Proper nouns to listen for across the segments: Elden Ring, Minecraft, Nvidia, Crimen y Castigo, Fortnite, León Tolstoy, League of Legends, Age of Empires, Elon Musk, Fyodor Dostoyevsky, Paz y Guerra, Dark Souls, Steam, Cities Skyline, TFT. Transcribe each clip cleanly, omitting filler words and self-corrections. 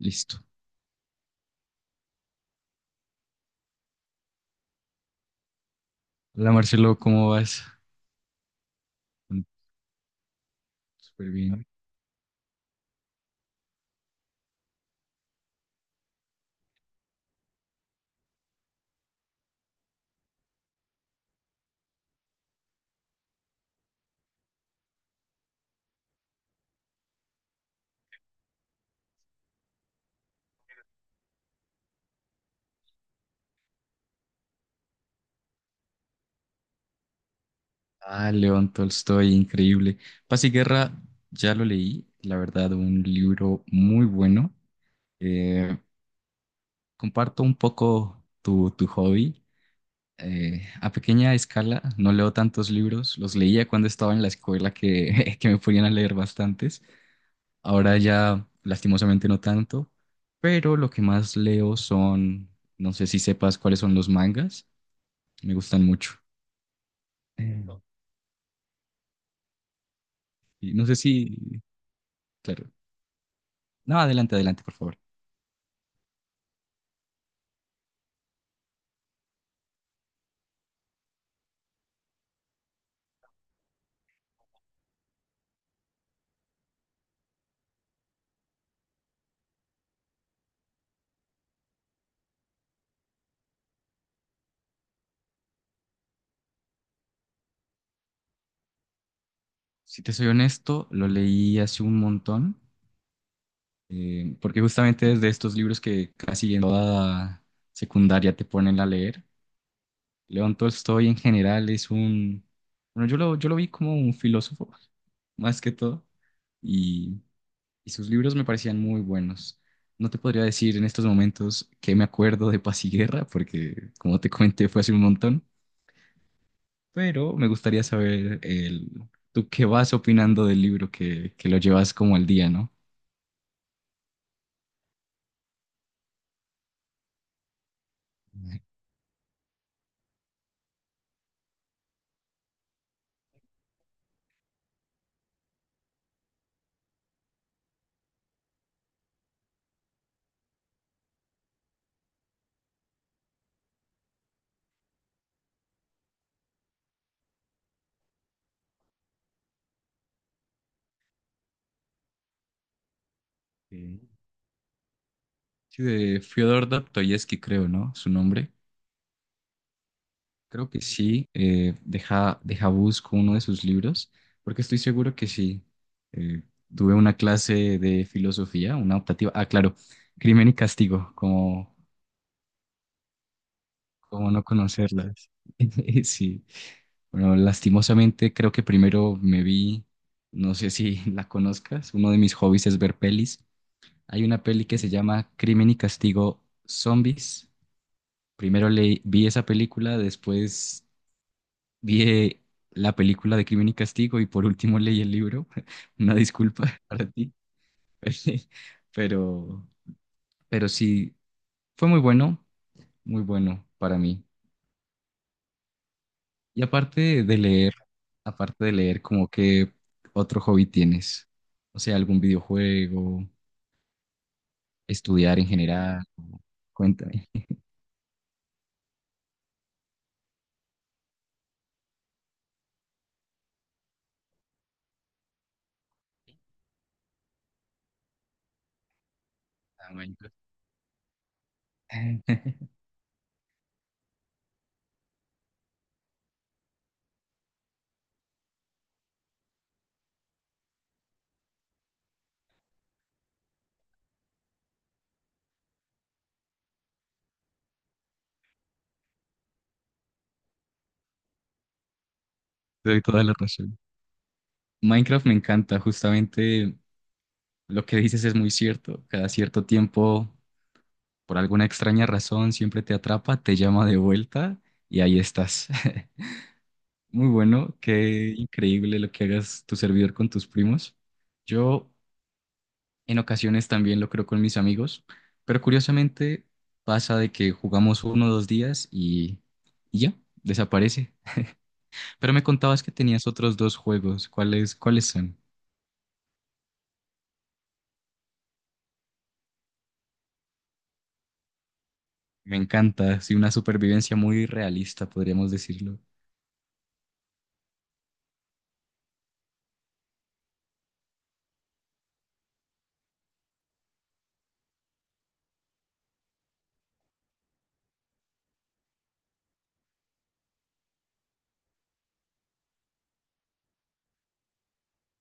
Listo. Hola Marcelo, ¿cómo vas? Súper bien. Ah, León Tolstoy, increíble. Paz y Guerra, ya lo leí, la verdad, un libro muy bueno. Eh, Comparto un poco tu hobby. A pequeña escala, no leo tantos libros, los leía cuando estaba en la escuela que, que me ponían a leer bastantes. Ahora ya, lastimosamente, no tanto, pero lo que más leo son, no sé si sepas cuáles son los mangas, me gustan mucho. Eh, Y no sé si, claro. No, adelante, adelante, por favor. Si te soy honesto, lo leí hace un montón, porque justamente es de estos libros que casi en toda secundaria te ponen a leer. León Tolstoy en general es un, bueno, yo lo vi como un filósofo, más que todo, y, y sus libros me parecían muy buenos. No te podría decir en estos momentos que me acuerdo de Paz y Guerra, porque como te comenté fue hace un montón, pero me gustaría saber tú qué vas opinando del libro que lo llevas como al día, ¿no? Eh, Sí, de Fyodor Dostoyevsky, creo, ¿no? Su nombre. Creo que sí. Deja busco uno de sus libros, porque estoy seguro que sí. Eh, Tuve una clase de filosofía, una optativa. Ah, claro, Crimen y Castigo, como no conocerlas. Sí. Bueno, lastimosamente creo que primero me vi, no sé si la conozcas, uno de mis hobbies es ver pelis. Hay una peli que se llama Crimen y Castigo Zombies. Primero le vi esa película, después vi la película de Crimen y Castigo y por último leí el libro. Una disculpa para ti, pero, pero sí, fue muy bueno, muy bueno para mí. Y aparte de leer, ¿como que otro hobby tienes? O sea, algún videojuego, estudiar en general, cuéntame. Ah, Minecraft. Te doy toda la razón. Minecraft me encanta, justamente lo que dices es muy cierto. Cada cierto tiempo, por alguna extraña razón, siempre te atrapa, te llama de vuelta y ahí estás. Muy bueno, qué increíble lo que hagas tu servidor con tus primos. Yo en ocasiones también lo creo con mis amigos, pero curiosamente pasa de que jugamos uno o dos días y ya, desaparece. Pero me contabas que tenías otros dos juegos. ¿Cuáles son? Me encanta, sí, una supervivencia muy realista, podríamos decirlo.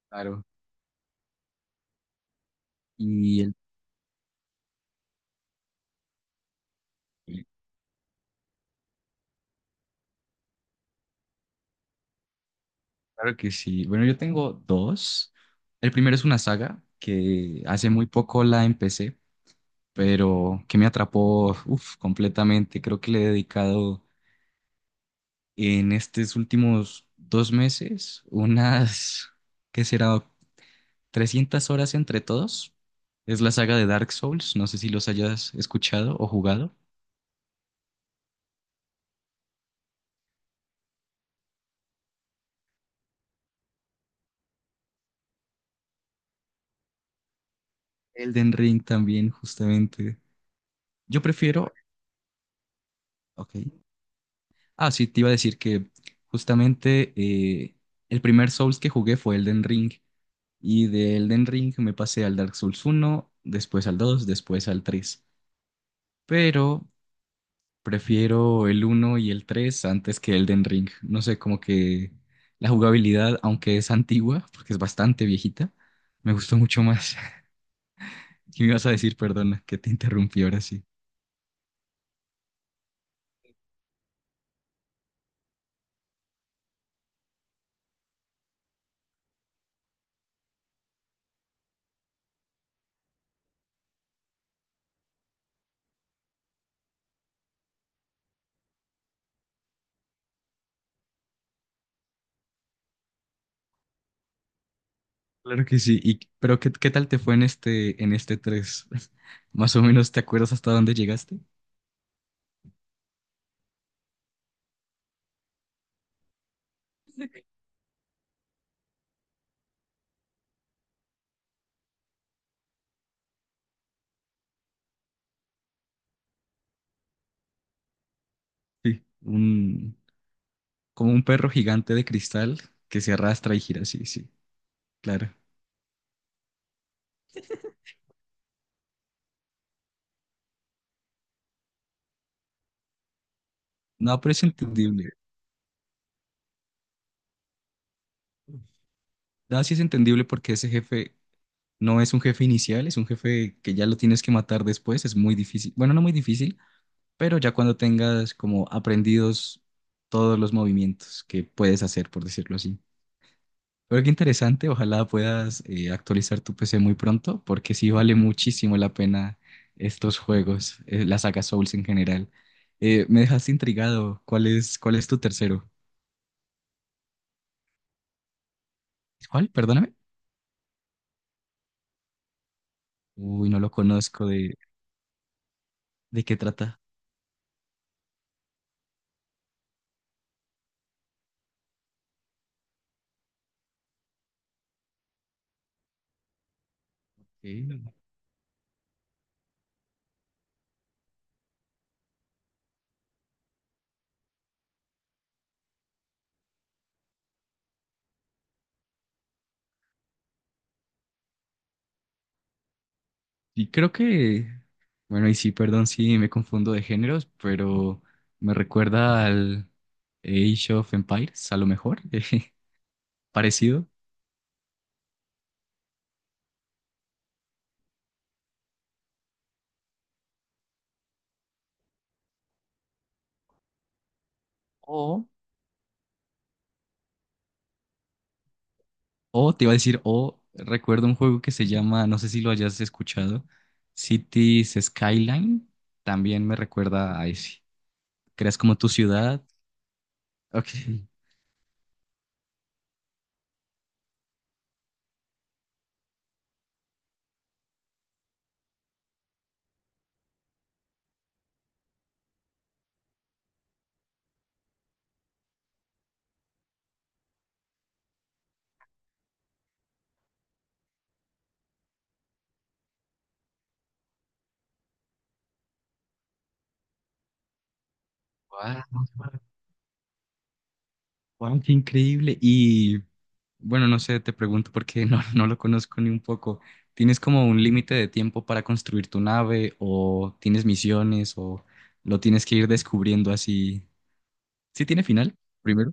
Claro. Y el, eh, claro que sí. Bueno, yo tengo dos. El primero es una saga que hace muy poco la empecé, pero que me atrapó, uf, completamente. Creo que le he dedicado en estos últimos 2 meses unas, ¿qué será? 300 horas entre todos. Es la saga de Dark Souls, no sé si los hayas escuchado o jugado. Elden Ring también, justamente. Yo prefiero, ok. Ah, sí, te iba a decir que justamente el primer Souls que jugué fue Elden Ring. Y de Elden Ring me pasé al Dark Souls uno, después al 2, después al 3. Pero prefiero el uno y el 3 antes que Elden Ring. No sé, como que la jugabilidad, aunque es antigua, porque es bastante viejita, me gustó mucho más. ¿Qué me ibas a decir? Perdona, que te interrumpí ahora sí. Claro que sí. Pero ¿qué tal te fue en este tres? Más o menos, ¿te acuerdas hasta dónde llegaste? Sí, como un perro gigante de cristal que se arrastra y gira, sí, sí, claro. No, pero es entendible. No, sí es entendible porque ese jefe no es un jefe inicial, es un jefe que ya lo tienes que matar después, es muy difícil. Bueno, no muy difícil, pero ya cuando tengas como aprendidos todos los movimientos que puedes hacer, por decirlo así. Pero qué interesante, ojalá puedas actualizar tu PC muy pronto, porque sí vale muchísimo la pena estos juegos, la saga Souls en general. Me dejaste intrigado, ¿cuál es tu tercero? ¿Cuál? Perdóname. Uy, no lo conozco, ¿de qué trata? Ok. Y creo que, bueno, y sí, perdón si me confundo de géneros, pero me recuerda al Age of Empires, a lo mejor, parecido. O, o te iba a decir, o recuerdo un juego que se llama, no sé si lo hayas escuchado, Cities Skyline, también me recuerda a ese. Creas como tu ciudad. Ok. Wow. Wow, qué increíble. Y bueno, no sé, te pregunto porque no, no lo conozco ni un poco. ¿Tienes como un límite de tiempo para construir tu nave o tienes misiones o lo tienes que ir descubriendo así? ¿Sí tiene final primero?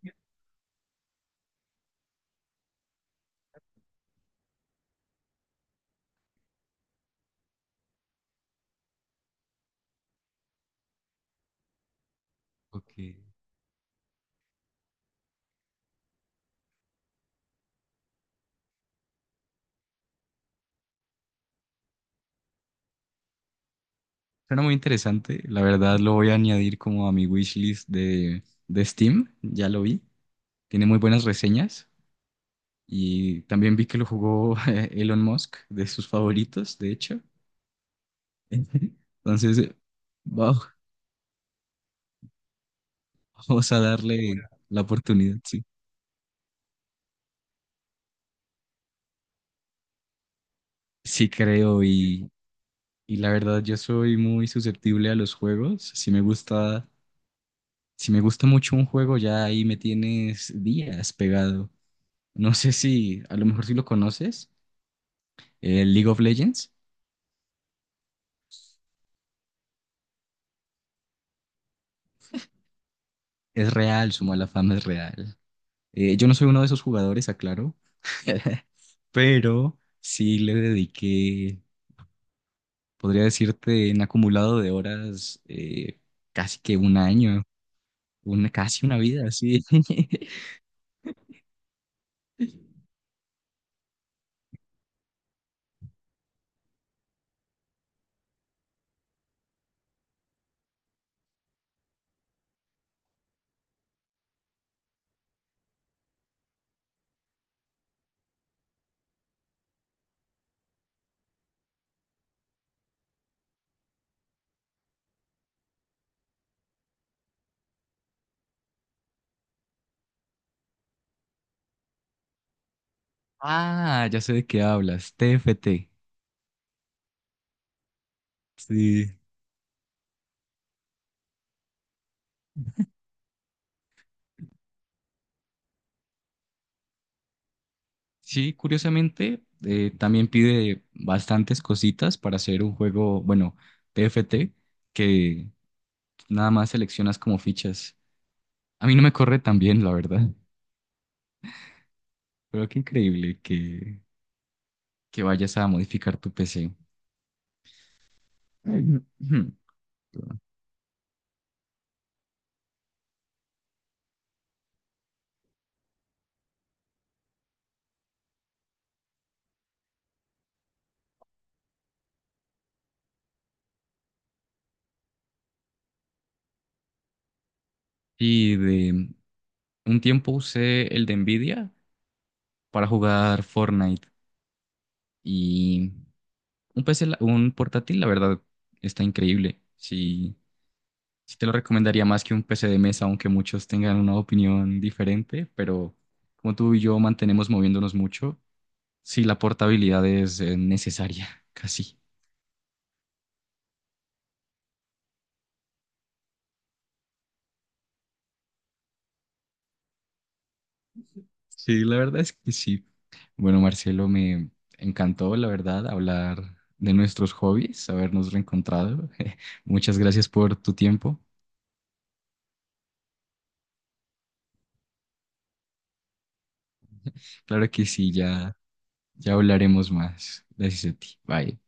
Ok. Suena muy interesante. La verdad lo voy a añadir como a mi wishlist de Steam. Ya lo vi. Tiene muy buenas reseñas y también vi que lo jugó Elon Musk, de sus favoritos, de hecho. Entonces, wow. Vamos a darle la oportunidad, sí. Sí creo y la verdad yo soy muy susceptible a los juegos. Si me gusta mucho un juego, ya ahí me tienes días pegado. No sé si, a lo mejor si lo conoces, el League of Legends es real, su mala fama es real. Yo no soy uno de esos jugadores, aclaro, pero sí le dediqué, podría decirte, en acumulado de horas, casi que un año. Una, casi una vida, sí. Ah, ya sé de qué hablas, TFT. Sí. Sí, curiosamente, también pide bastantes cositas para hacer un juego, bueno, TFT que nada más seleccionas como fichas. A mí no me corre tan bien, la verdad. Pero qué increíble que vayas a modificar tu PC. Y de un tiempo usé el de Nvidia para jugar Fortnite y un PC, un portátil, la verdad, está increíble. Sí, sí te lo recomendaría más que un PC de mesa, aunque muchos tengan una opinión diferente, pero como tú y yo mantenemos moviéndonos mucho, sí, la portabilidad es necesaria, casi. Sí, la verdad es que sí. Bueno, Marcelo, me encantó, la verdad, hablar de nuestros hobbies, habernos reencontrado. Muchas gracias por tu tiempo. Claro que sí, ya, ya hablaremos más. Gracias a ti. Bye.